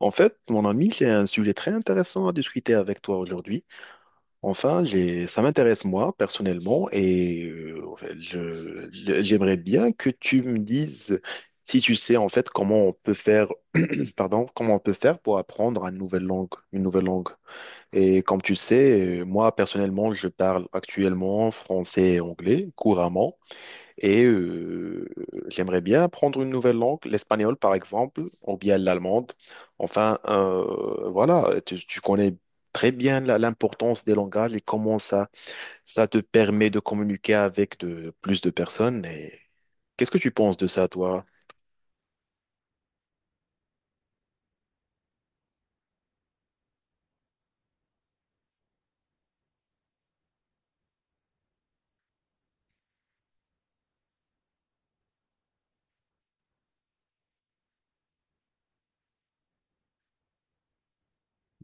En fait, mon ami, j'ai un sujet très intéressant à discuter avec toi aujourd'hui. Enfin, ça m'intéresse moi personnellement et en fait, j'aimerais bien que tu me dises si tu sais en fait comment on peut faire, pardon, comment on peut faire pour apprendre une nouvelle langue, une nouvelle langue. Et comme tu sais, moi personnellement, je parle actuellement français et anglais couramment. Et j'aimerais bien apprendre une nouvelle langue, l'espagnol par exemple, ou bien l'allemande. Enfin, voilà, tu connais très bien l'importance des langages et comment ça, ça te permet de communiquer avec plus de personnes. Et qu'est-ce que tu penses de ça, toi?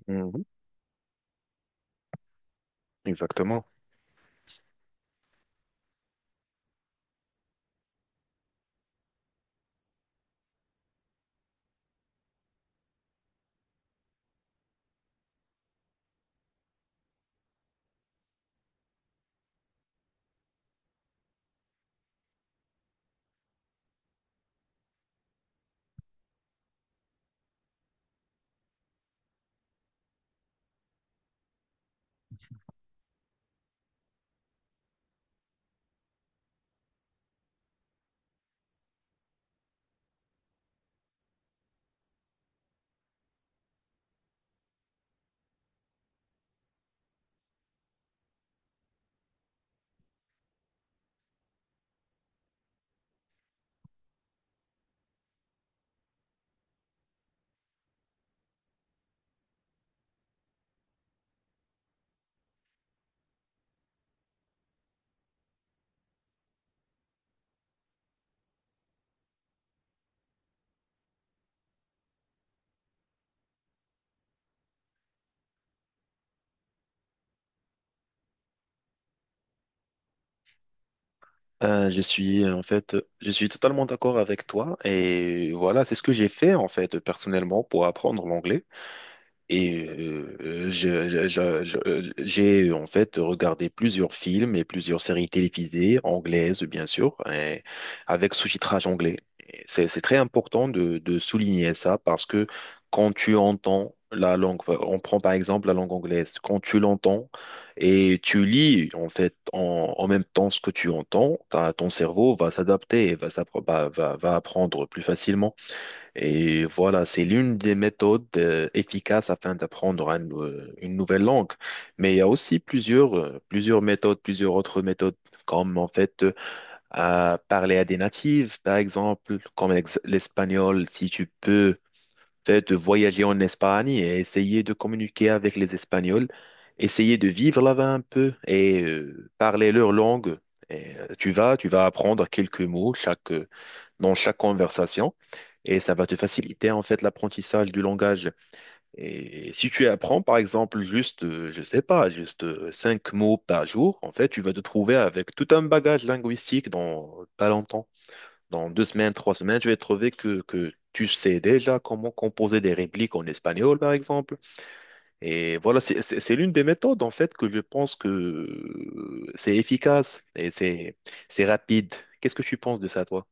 Mhm. Exactement. Je suis En fait, je suis totalement d'accord avec toi et voilà, c'est ce que j'ai fait en fait personnellement pour apprendre l'anglais. Et j'ai en fait regardé plusieurs films et plusieurs séries télévisées, anglaises bien sûr, et avec sous-titrage anglais. Et c'est très important de souligner ça parce que quand tu entends la langue, on prend par exemple la langue anglaise, quand tu l'entends et tu lis en fait en même temps ce que tu entends, ton cerveau va s'adapter et va, s'appro- va va- va apprendre plus facilement. Et voilà, c'est l'une des méthodes efficaces afin d'apprendre une nouvelle langue. Mais il y a aussi plusieurs méthodes, plusieurs autres méthodes, comme en fait à parler à des natifs, par exemple, comme l'espagnol, si tu peux fait, de voyager en Espagne et essayer de communiquer avec les Espagnols, essayer de vivre là-bas un peu et parler leur langue. Et, tu vas apprendre quelques mots dans chaque conversation et ça va te faciliter en fait l'apprentissage du langage. Et si tu apprends par exemple juste, je sais pas, juste cinq mots par jour, en fait, tu vas te trouver avec tout un bagage linguistique dans pas longtemps. Dans 2 semaines, 3 semaines, je vais trouver que tu sais déjà comment composer des répliques en espagnol, par exemple. Et voilà, c'est l'une des méthodes, en fait, que je pense que c'est efficace et c'est rapide. Qu'est-ce que tu penses de ça, toi?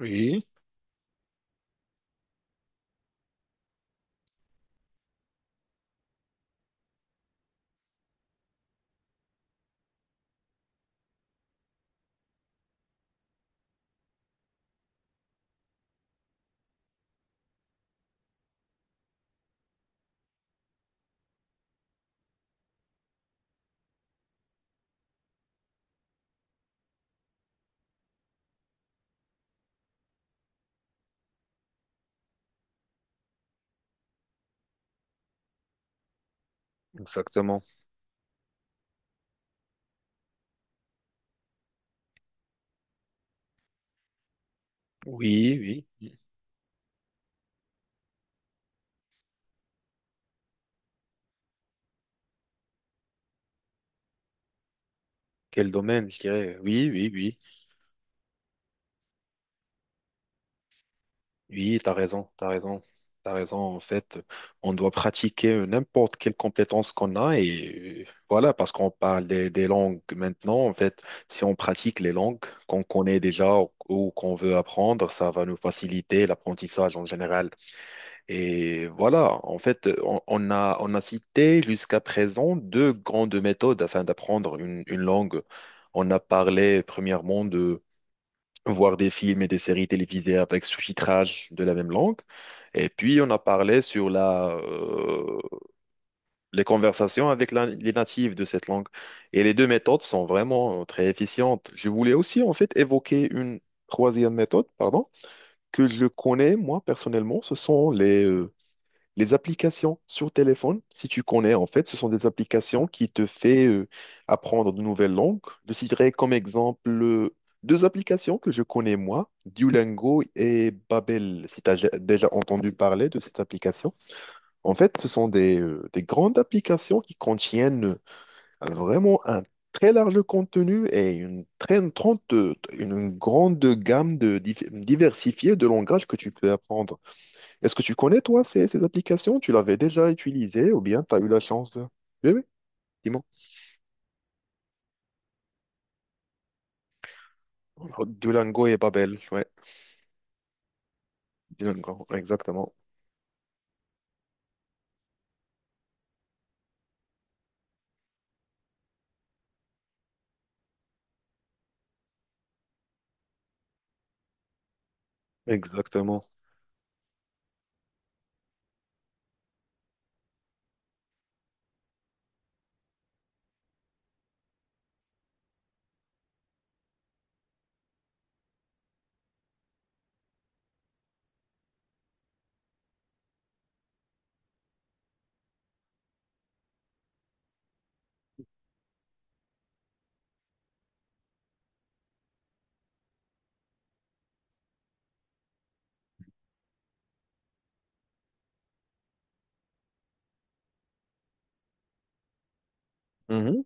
Oui, exactement. Oui, oui, oui. Quel domaine, je dirais. Oui, oui, oui. Oui, t'as raison, t'as raison, t'as raison. En fait, on doit pratiquer n'importe quelle compétence qu'on a et voilà, parce qu'on parle des langues maintenant. En fait, si on pratique les langues qu'on connaît déjà ou qu'on veut apprendre, ça va nous faciliter l'apprentissage en général. Et voilà, en fait, on a cité jusqu'à présent deux grandes méthodes afin d'apprendre une langue. On a parlé premièrement voir des films et des séries télévisées avec sous-titrage de la même langue. Et puis, on a parlé sur les conversations avec les natifs de cette langue. Et les deux méthodes sont vraiment très efficientes. Je voulais aussi, en fait, évoquer une troisième méthode, pardon, que je connais, moi, personnellement. Ce sont les applications sur téléphone, si tu connais, en fait, ce sont des applications qui te fait apprendre de nouvelles langues. Je citerai comme exemple deux applications que je connais moi, Duolingo et Babel, si tu as déjà entendu parler de cette application. En fait, ce sont des grandes applications qui contiennent vraiment un très large contenu et une grande gamme de diversifiée de langages que tu peux apprendre. Est-ce que tu connais, toi, ces applications? Tu l'avais déjà utilisée ou bien tu as eu la chance de... Oui, oui, dis-moi. Oh, Duolingo et Babel, ouais. Duolingo, exactement. Exactement. Mhm.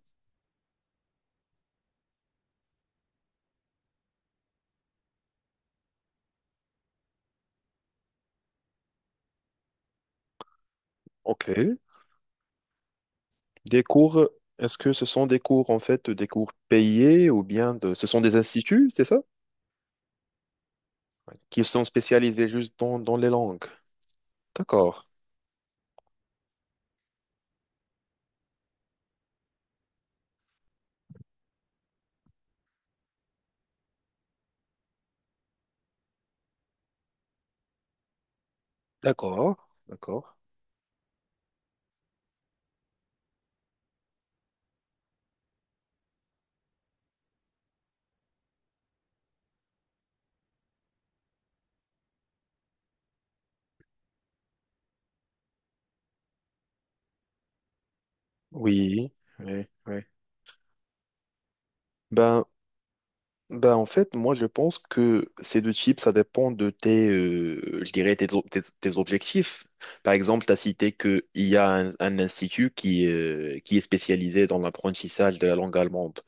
Ok. Des cours, est-ce que ce sont des cours, en fait, des cours payés ou bien de... ce sont des instituts, c'est ça? Ouais. Qui sont spécialisés juste dans les langues. D'accord. D'accord. D'accord. Oui, oui, oui. Ben, Ben, en fait, moi, je pense que ces deux types, ça dépend de tes, je dirais, tes objectifs. Par exemple, tu as cité qu'il y a un institut qui est spécialisé dans l'apprentissage de la langue allemande.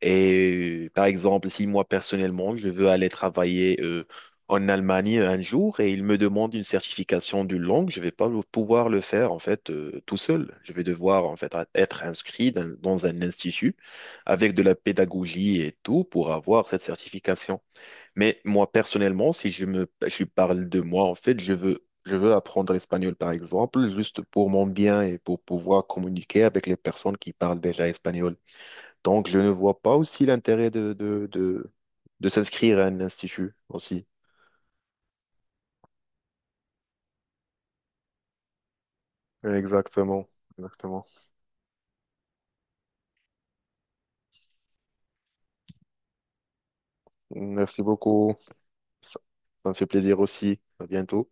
Et par exemple, si moi personnellement, je veux aller travailler en Allemagne un jour et il me demande une certification d'une langue, je vais pas pouvoir le faire en fait tout seul. Je vais devoir en fait être inscrit dans un institut avec de la pédagogie et tout pour avoir cette certification. Mais moi personnellement, si je parle de moi en fait, Je veux apprendre l'espagnol, par exemple, juste pour mon bien et pour pouvoir communiquer avec les personnes qui parlent déjà espagnol. Donc, je ne vois pas aussi l'intérêt de s'inscrire à un institut aussi. Exactement, exactement. Merci beaucoup. Ça, ça me fait plaisir aussi. À bientôt.